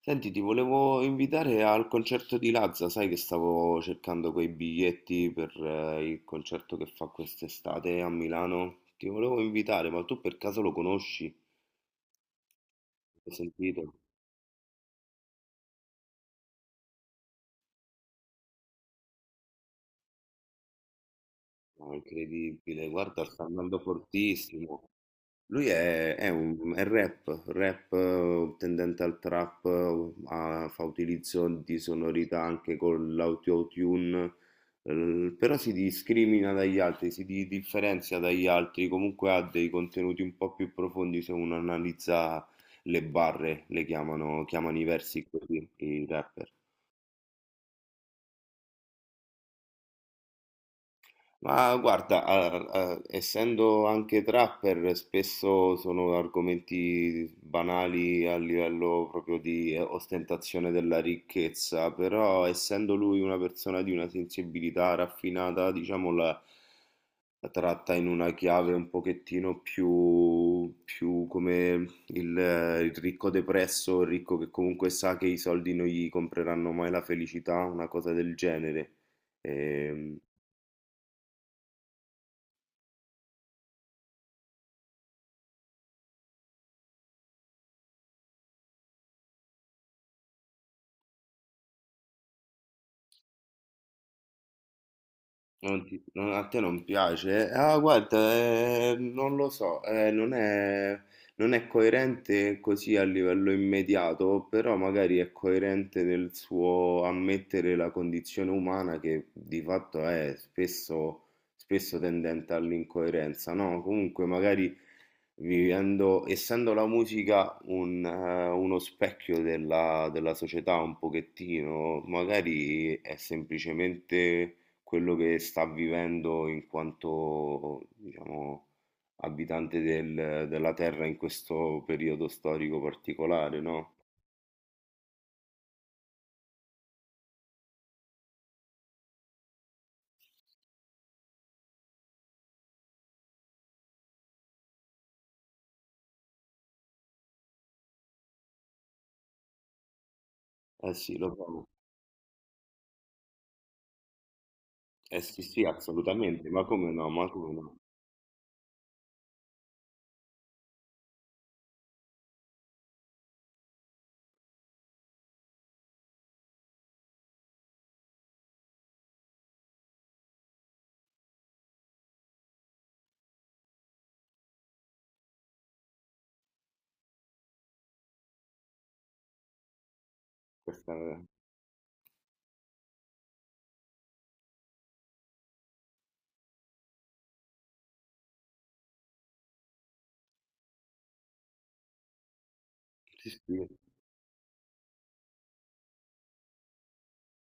Senti, ti volevo invitare al concerto di Lazza, sai che stavo cercando quei biglietti per il concerto che fa quest'estate a Milano. Ti volevo invitare, ma tu per caso lo conosci? L'hai sentito? No, incredibile, guarda, sta andando fortissimo. Lui è un è rap, rap, tendente al trap, fa utilizzo di sonorità anche con l'autotune, però si discrimina dagli altri, differenzia dagli altri, comunque ha dei contenuti un po' più profondi se uno analizza le barre, le chiamano, chiamano i versi così, i rapper. Ma guarda, essendo anche trapper, spesso sono argomenti banali a livello proprio di ostentazione della ricchezza, però essendo lui una persona di una sensibilità raffinata, diciamo la, la tratta in una chiave un pochettino più, più come il ricco depresso, il ricco che comunque sa che i soldi non gli compreranno mai la felicità, una cosa del genere. Ehm, Non ti- non- a te non piace? Ah, guarda, non lo so, non è, non è coerente così a livello immediato, però magari è coerente nel suo ammettere la condizione umana che di fatto è spesso, spesso tendente all'incoerenza, no? Comunque magari vivendo, essendo la musica un, uno specchio della società un pochettino, magari è semplicemente quello che sta vivendo in quanto, diciamo, della Terra in questo periodo storico particolare, no? Eh sì, lo so. Eh sì, sì, assolutamente, ma come no, ma come no? Questa... Sì, sì.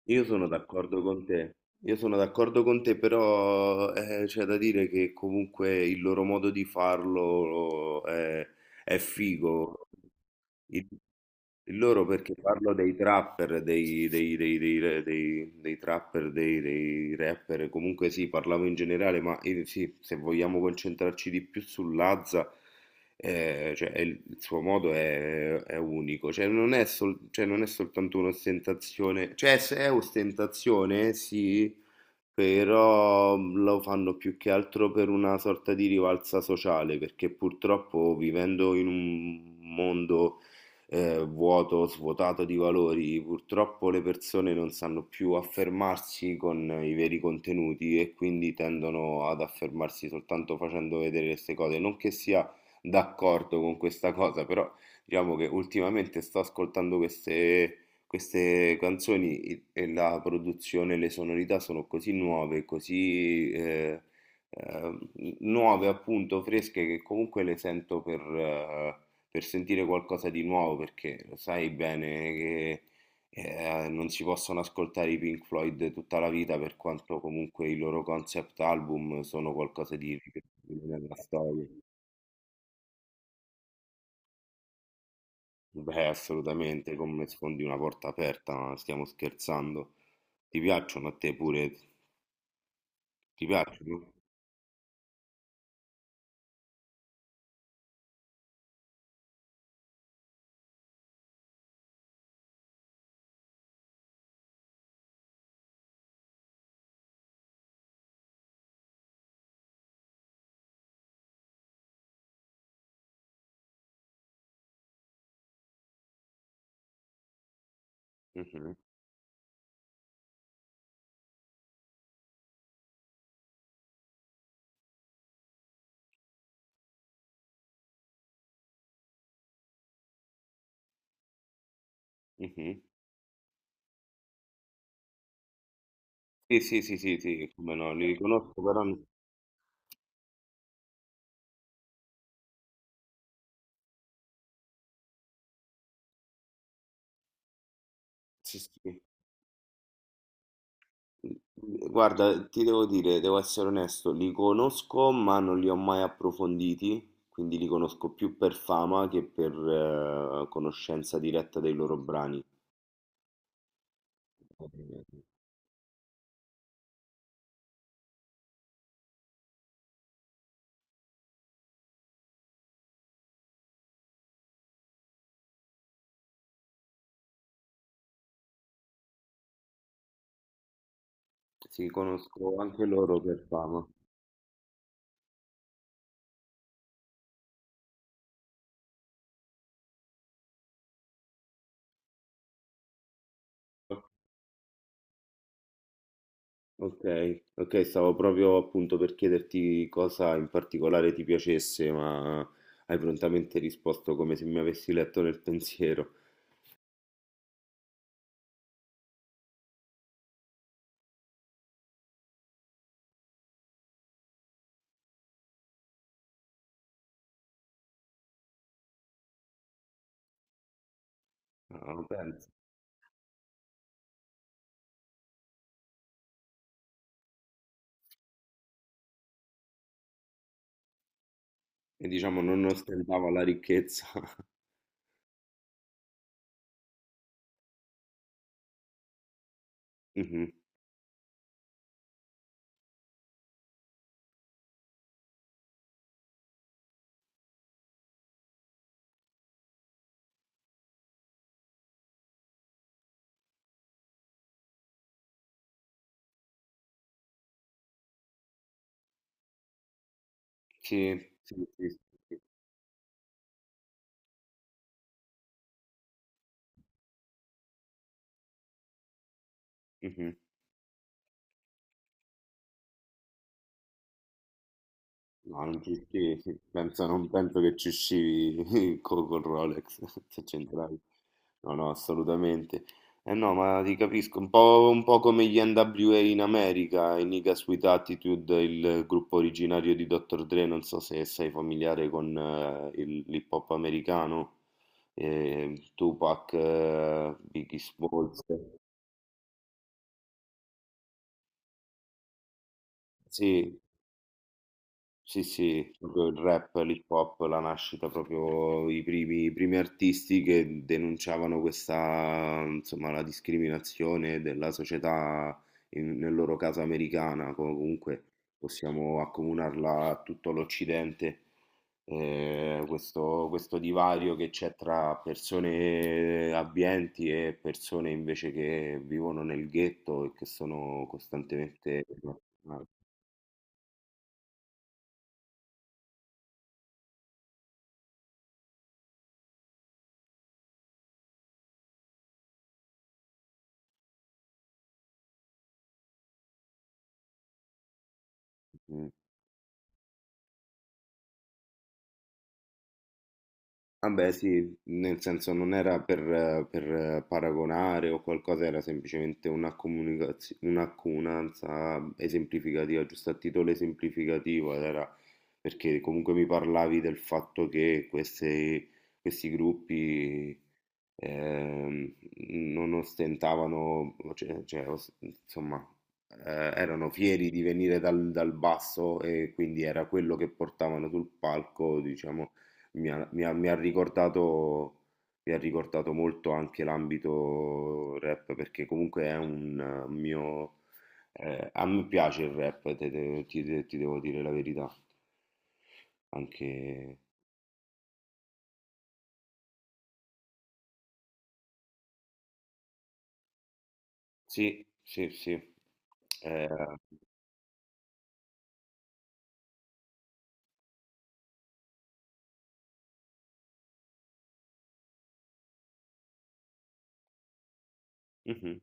Io sono d'accordo con te. Io sono d'accordo con te, però c'è da dire che comunque il loro modo di farlo è figo. Il loro perché parlo dei trapper, dei trapper, dei rapper, comunque sì, parlavo in generale, ma sì, se vogliamo concentrarci di più sull'Azza, cioè, è il suo modo è unico, cioè non è, cioè, non è soltanto un'ostentazione, cioè se è ostentazione sì, però lo fanno più che altro per una sorta di rivalsa sociale, perché purtroppo vivendo in un mondo vuoto, svuotato di valori. Purtroppo le persone non sanno più affermarsi con i veri contenuti e quindi tendono ad affermarsi soltanto facendo vedere queste cose. Non che sia d'accordo con questa cosa, però diciamo che ultimamente sto ascoltando queste queste canzoni e la produzione e le sonorità sono così nuove, così eh, nuove appunto, fresche, che comunque le sento per sentire qualcosa di nuovo, perché lo sai bene che non si possono ascoltare i Pink Floyd tutta la vita, per quanto comunque i loro concept album sono qualcosa di ripetibile nella storia. Beh, assolutamente, come sfondi una porta aperta, ma stiamo scherzando. Ti piacciono a te pure? Ti piacciono? Mhm, mhm. Sì, sì, sì, sì, sì, come no, li riconosco, però... non- Sì, sì. Mhmm, guarda, ti devo dire, devo essere onesto, li conosco ma non li ho mai approfonditi, quindi li conosco più per fama che per conoscenza diretta dei loro brani. Sì, conosco anche loro per fama. Ok, ok, stavo proprio appunto per chiederti cosa in particolare ti piacesse, ma hai prontamente risposto come se mi avessi letto nel pensiero. Ah, penso. E diciamo non ostentava la ricchezza. Sì, sì, sì, sì, sì. Mhm. No, non ci sì, sì. Penso, non penso che ci uscivi col Rolex se c'entravi. No, no, assolutamente. Eh no, ma ti capisco, un po' come gli NWA in America, i Niggas with Attitude, il gruppo originario di Dr. Dre, non so se sei familiare con l'hip hop americano, Tupac, Biggie Smalls. Sì, sì, sì, proprio il rap, l'hip hop, la nascita, proprio i primi artisti che denunciavano questa, insomma, la discriminazione della società, nel loro caso americana, comunque possiamo accomunarla a tutto l'Occidente, questo, questo divario che c'è tra persone abbienti e persone invece che vivono nel ghetto e che sono costantemente... eh, vabbè, sì, nel senso non era per, paragonare o qualcosa, era semplicemente una un'accomunanza esemplificativa, giusto a titolo esemplificativo, ed era perché comunque mi parlavi del fatto che questi gruppi ehm, non ostentavano, cioè, insomma, erano fieri di venire dal, dal basso e quindi era quello che portavano sul palco, diciamo mi ha, mi ha- mi ha ricordato, mi ha ricordato molto anche l'ambito rap perché comunque è un mio... a me piace il rap, ti devo dire la verità. Anche... Sì, sì, sì. Eh, mhm,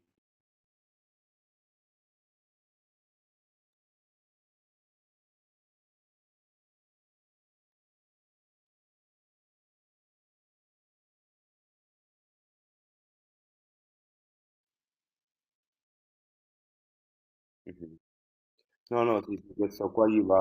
mhm. No, no, sì, sì, questo qua gli va...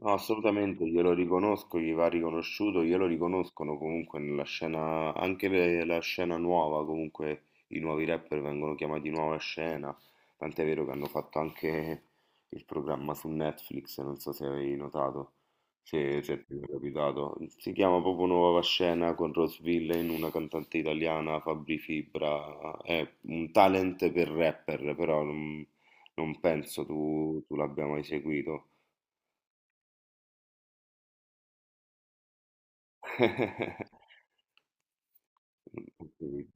No, assolutamente, glielo riconosco, gli va riconosciuto, glielo riconoscono comunque nella scena, anche la scena nuova, comunque i nuovi rapper vengono chiamati nuova scena, tant'è vero che hanno fatto anche il programma su Netflix, non so se avevi notato, se, se ti è capitato, si chiama proprio Nuova Scena con Rose Villain, una cantante italiana, Fabri Fibra, è un talent per rapper, però non, non penso tu l'abbia mai seguito. Okay.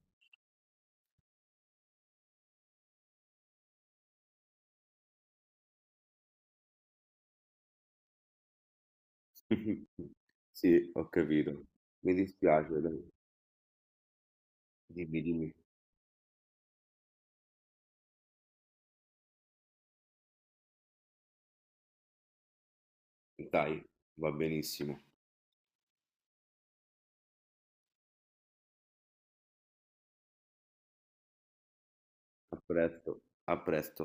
Sì, ho capito. Mi dispiace dai. Dimmi, dimmi. Dai, va benissimo. A presto, a presto.